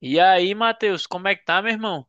E aí, Matheus, como é que tá, meu irmão?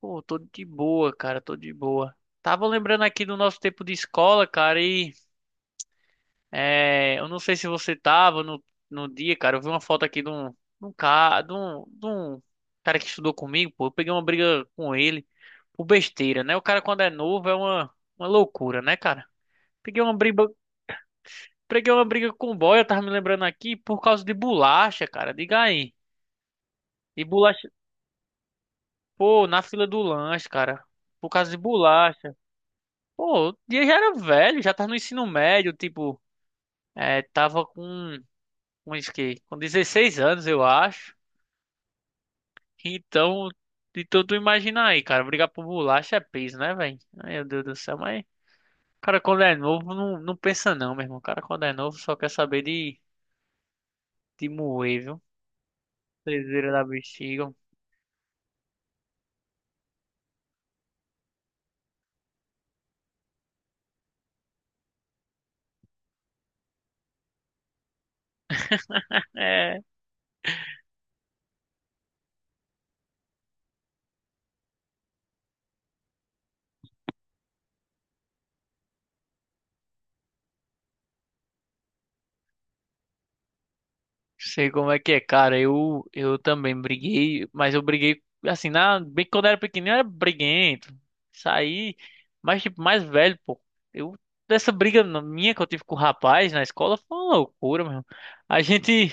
Pô, tô de boa, cara, tô de boa. Tava lembrando aqui do nosso tempo de escola, cara, e eu não sei se você tava no dia, cara. Eu vi uma foto aqui de um cara, de um cara que estudou comigo, pô. Eu peguei uma briga com ele por besteira, né? O cara, quando é novo, é uma loucura, né, cara? Peguei uma briga, peguei uma briga com o boy, eu tava me lembrando aqui, por causa de bolacha, cara. Diga aí. E bolacha, pô, na fila do lanche, cara. Por causa de bolacha. Pô, o dia já era velho, já tava no ensino médio, tipo, tava com isso que, com 16 anos, eu acho. Então, de tudo imaginar aí, cara, brigar por bolacha é peso, né, velho? Ai, Meu Deus do céu, mas o cara quando é novo não pensa não, meu irmão. O cara quando é novo só quer saber de moer, viu? Trezeira da bexiga. É, sei como é que é, cara. Eu também briguei, mas eu briguei assim, na, bem quando eu era pequenininho, eu era briguento. Saí, mas tipo, mais velho, pô. Eu, dessa briga na- minha que eu tive com o rapaz na escola foi uma loucura, meu. A gente,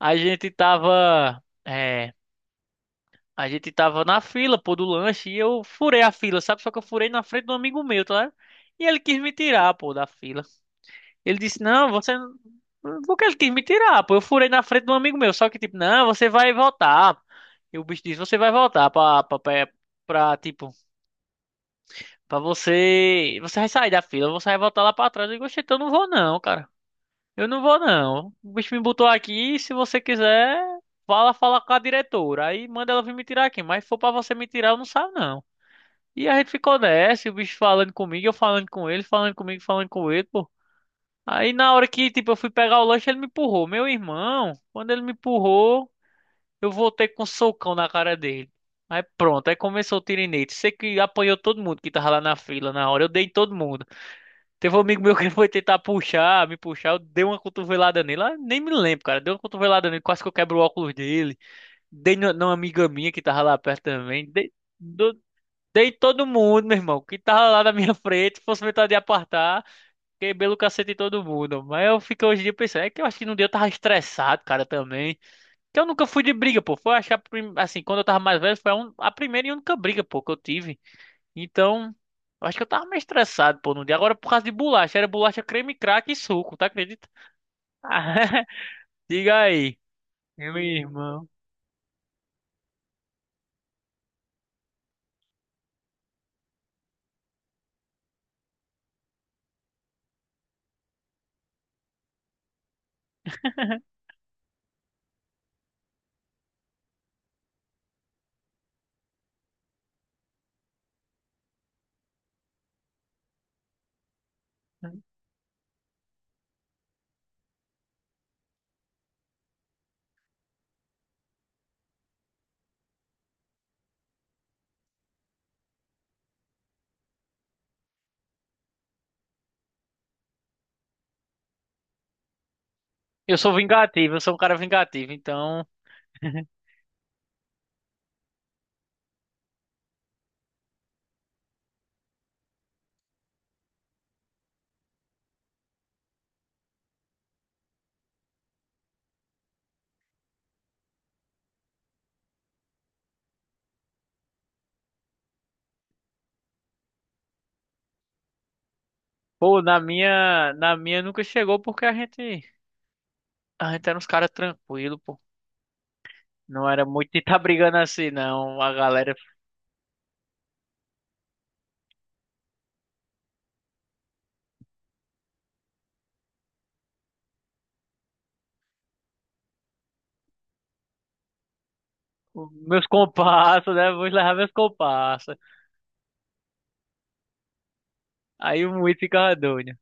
a gente tava, a gente tava na fila, pô, do lanche e eu furei a fila, sabe? Só que eu furei na frente do amigo meu, tá? Ligado? E ele quis me tirar, pô, da fila. Ele disse, não, você... Porque ele quis me tirar, pô. Eu furei na frente de um amigo meu. Só que, tipo, não, você vai voltar. E o bicho disse, você vai voltar tipo, pra você... Você vai sair da fila, você vai voltar lá pra trás. Eu digo, "Oxe, então eu não vou não, cara. Eu não vou não. O bicho me botou aqui, se você quiser, fala com a diretora. Aí manda ela vir me tirar aqui. Mas se for pra você me tirar, eu não saio não. E a gente ficou nessa, e o bicho falando comigo, eu falando com ele, falando comigo, falando com ele, pô. Aí na hora que, tipo, eu fui pegar o lanche, ele me empurrou. Meu irmão, quando ele me empurrou, eu voltei com um socão na cara dele. Aí pronto, aí começou o tirinete. Sei que apanhou todo mundo que tava lá na fila na hora. Eu dei em todo mundo. Teve um amigo meu que foi tentar me puxar. Eu dei uma cotovelada nele. Ah, nem me lembro, cara. Dei uma cotovelada nele, quase que eu quebro o óculos dele. Dei numa amiga minha que tava lá perto também. Do- dei em todo mundo, meu irmão, que tava lá na minha frente. Se fosse vontade de apartar. Quebrei o cacete em todo mundo. Mas eu fico hoje em dia pensando, é que eu acho que no dia eu tava estressado, cara, também. Que eu nunca fui de briga, pô. Foi acho que a assim, quando eu tava mais velho, foi a primeira e única briga, pô, que eu tive. Então, eu acho que eu tava meio estressado, pô, no dia. Agora por causa de bolacha, era bolacha creme, craque e suco, tá, acredita? Ah, diga aí. Meu irmão. Eu sou vingativo, eu sou um cara vingativo, então. Pô, na minha nunca chegou porque a gente era uns caras tranquilos. Não era muito de tá brigando assim, não. A galera ficou, meus compassos, né? Vou levar meus compassos. Aí muito ficava doido.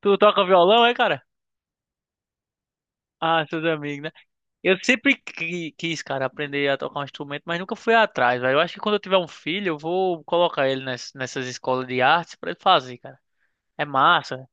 Tu toca violão, é, cara? Ah, seus amigos, né? Eu sempre quis, cara, aprender a tocar um instrumento, mas nunca fui atrás, velho. Eu acho que quando eu tiver um filho, eu vou colocar ele nessas escolas de artes pra ele fazer, cara. É massa.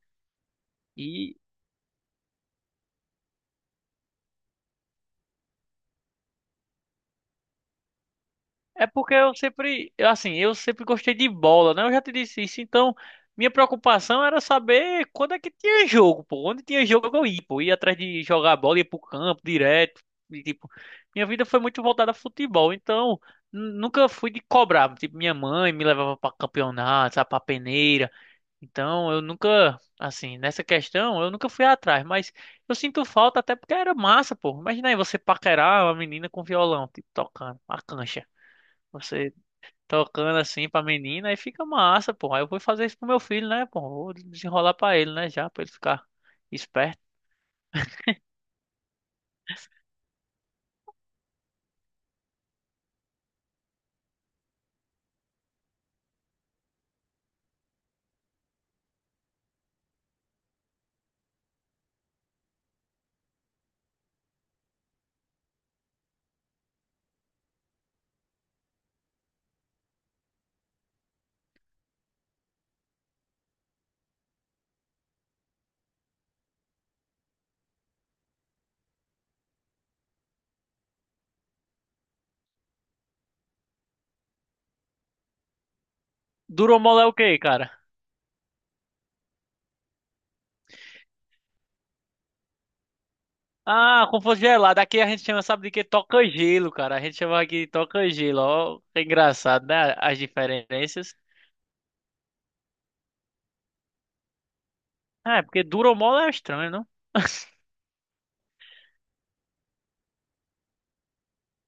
É porque eu sempre, eu, assim, eu sempre gostei de bola, né? Eu já te disse isso. Então, minha preocupação era saber quando é que tinha jogo, pô. Onde tinha jogo eu ia, pô. Ia atrás de jogar a bola, ia pro campo direto. E, tipo, minha vida foi muito voltada a futebol. Então, nunca fui de cobrar. Tipo, minha mãe me levava pra campeonato, sabe, pra peneira. Então, eu nunca, assim, nessa questão, eu nunca fui atrás. Mas eu sinto falta até porque era massa, pô. Imagina aí você paquerar uma menina com violão, tipo, tocando a cancha. Você tocando assim pra menina, aí fica massa, pô. Aí eu vou fazer isso pro meu filho, né, pô? Vou desenrolar pra ele, né, já, pra ele ficar esperto. Duromol é o quê, cara? Ah, como fosse gelado. Aqui a gente chama, sabe de quê? Toca gelo, cara. A gente chama aqui de toca gelo. Ó, é engraçado, né? As diferenças. Ah, é porque duromol é estranho, não?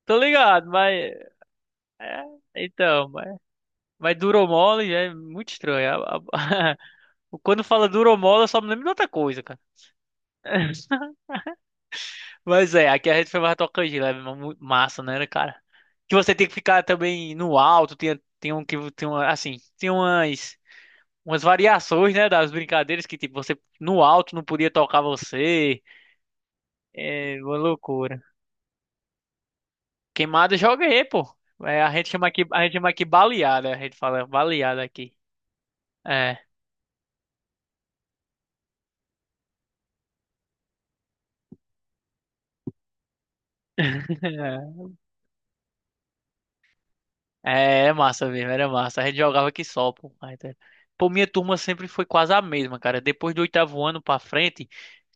Tô ligado, mas. É, então, mas, mas duromol é muito estranho. Quando fala duromol, eu só me lembro de outra coisa, cara. Mas é, aqui a gente foi mais tocante, né? Massa, né, cara? Que você tem que ficar também no alto, tem um que tem uma, assim, tem umas variações, né, das brincadeiras que tipo você no alto não podia tocar você. É uma loucura. Queimada eu joguei, pô. É, a gente chama aqui baleada, a gente fala baleada aqui. É. É, é massa mesmo, era massa. A gente jogava aqui só, pô. Mas, é. Pô, minha turma sempre foi quase a mesma, cara. Depois do oitavo ano pra frente,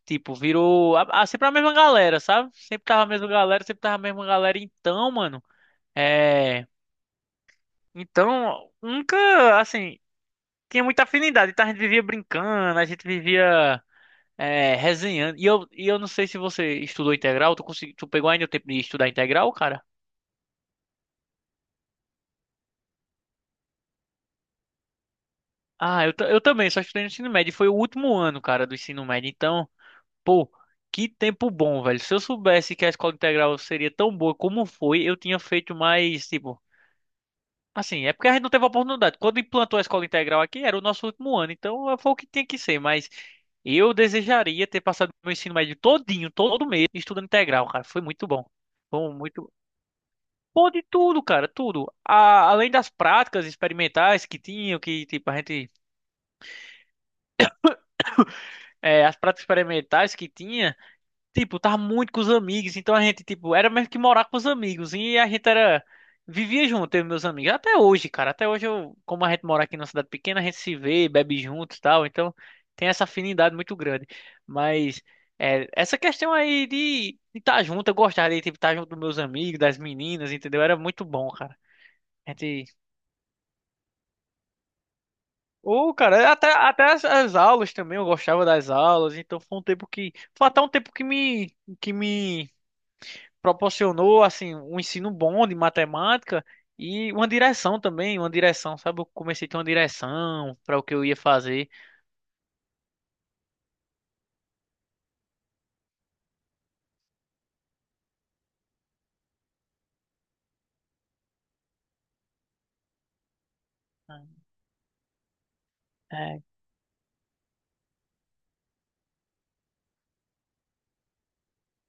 tipo, virou sempre a mesma galera, sabe? Sempre tava a mesma galera. Então, mano, é. Então, nunca, assim, tinha muita afinidade. Então a gente vivia brincando, a gente vivia resenhando. E eu não sei se você estudou integral, tu, consegui, tu pegou ainda o tempo de estudar integral, cara? Ah, eu, eu também, só estudei no ensino médio. Foi o último ano, cara, do ensino médio. Então, pô, que tempo bom, velho. Se eu soubesse que a escola integral seria tão boa como foi, eu tinha feito mais, tipo. Assim, é porque a gente não teve oportunidade. Quando implantou a escola integral aqui, era o nosso último ano, então foi o que tinha que ser. Mas eu desejaria ter passado meu ensino médio todinho, todo mês, estudando integral, cara. Foi muito bom. Foi um muito. Pô, de tudo, cara, tudo. Além das práticas experimentais que tinham, que, tipo, a gente. As práticas experimentais que tinha. Tipo, tava muito com os amigos, então a gente, tipo, era mesmo que morar com os amigos, e a gente era, vivia junto, eu e meus amigos, até hoje, cara, até hoje, eu, como a gente mora aqui numa cidade pequena, a gente se vê, bebe junto e tal, então tem essa afinidade muito grande, mas essa questão aí de estar junto, eu gostava de, tipo, estar junto dos meus amigos, das meninas, entendeu? Era muito bom, cara, a gente... Ô, cara, até as aulas também, eu gostava das aulas, então foi um tempo foi até um tempo que me proporcionou assim um ensino bom de matemática e uma direção também, uma direção, sabe? Eu comecei a ter uma direção para o que eu ia fazer. É.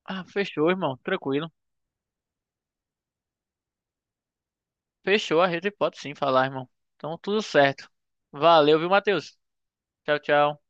Ah, fechou, irmão, tranquilo. Fechou, a gente pode sim falar, irmão. Então, tudo certo. Valeu, viu, Matheus? Tchau, tchau.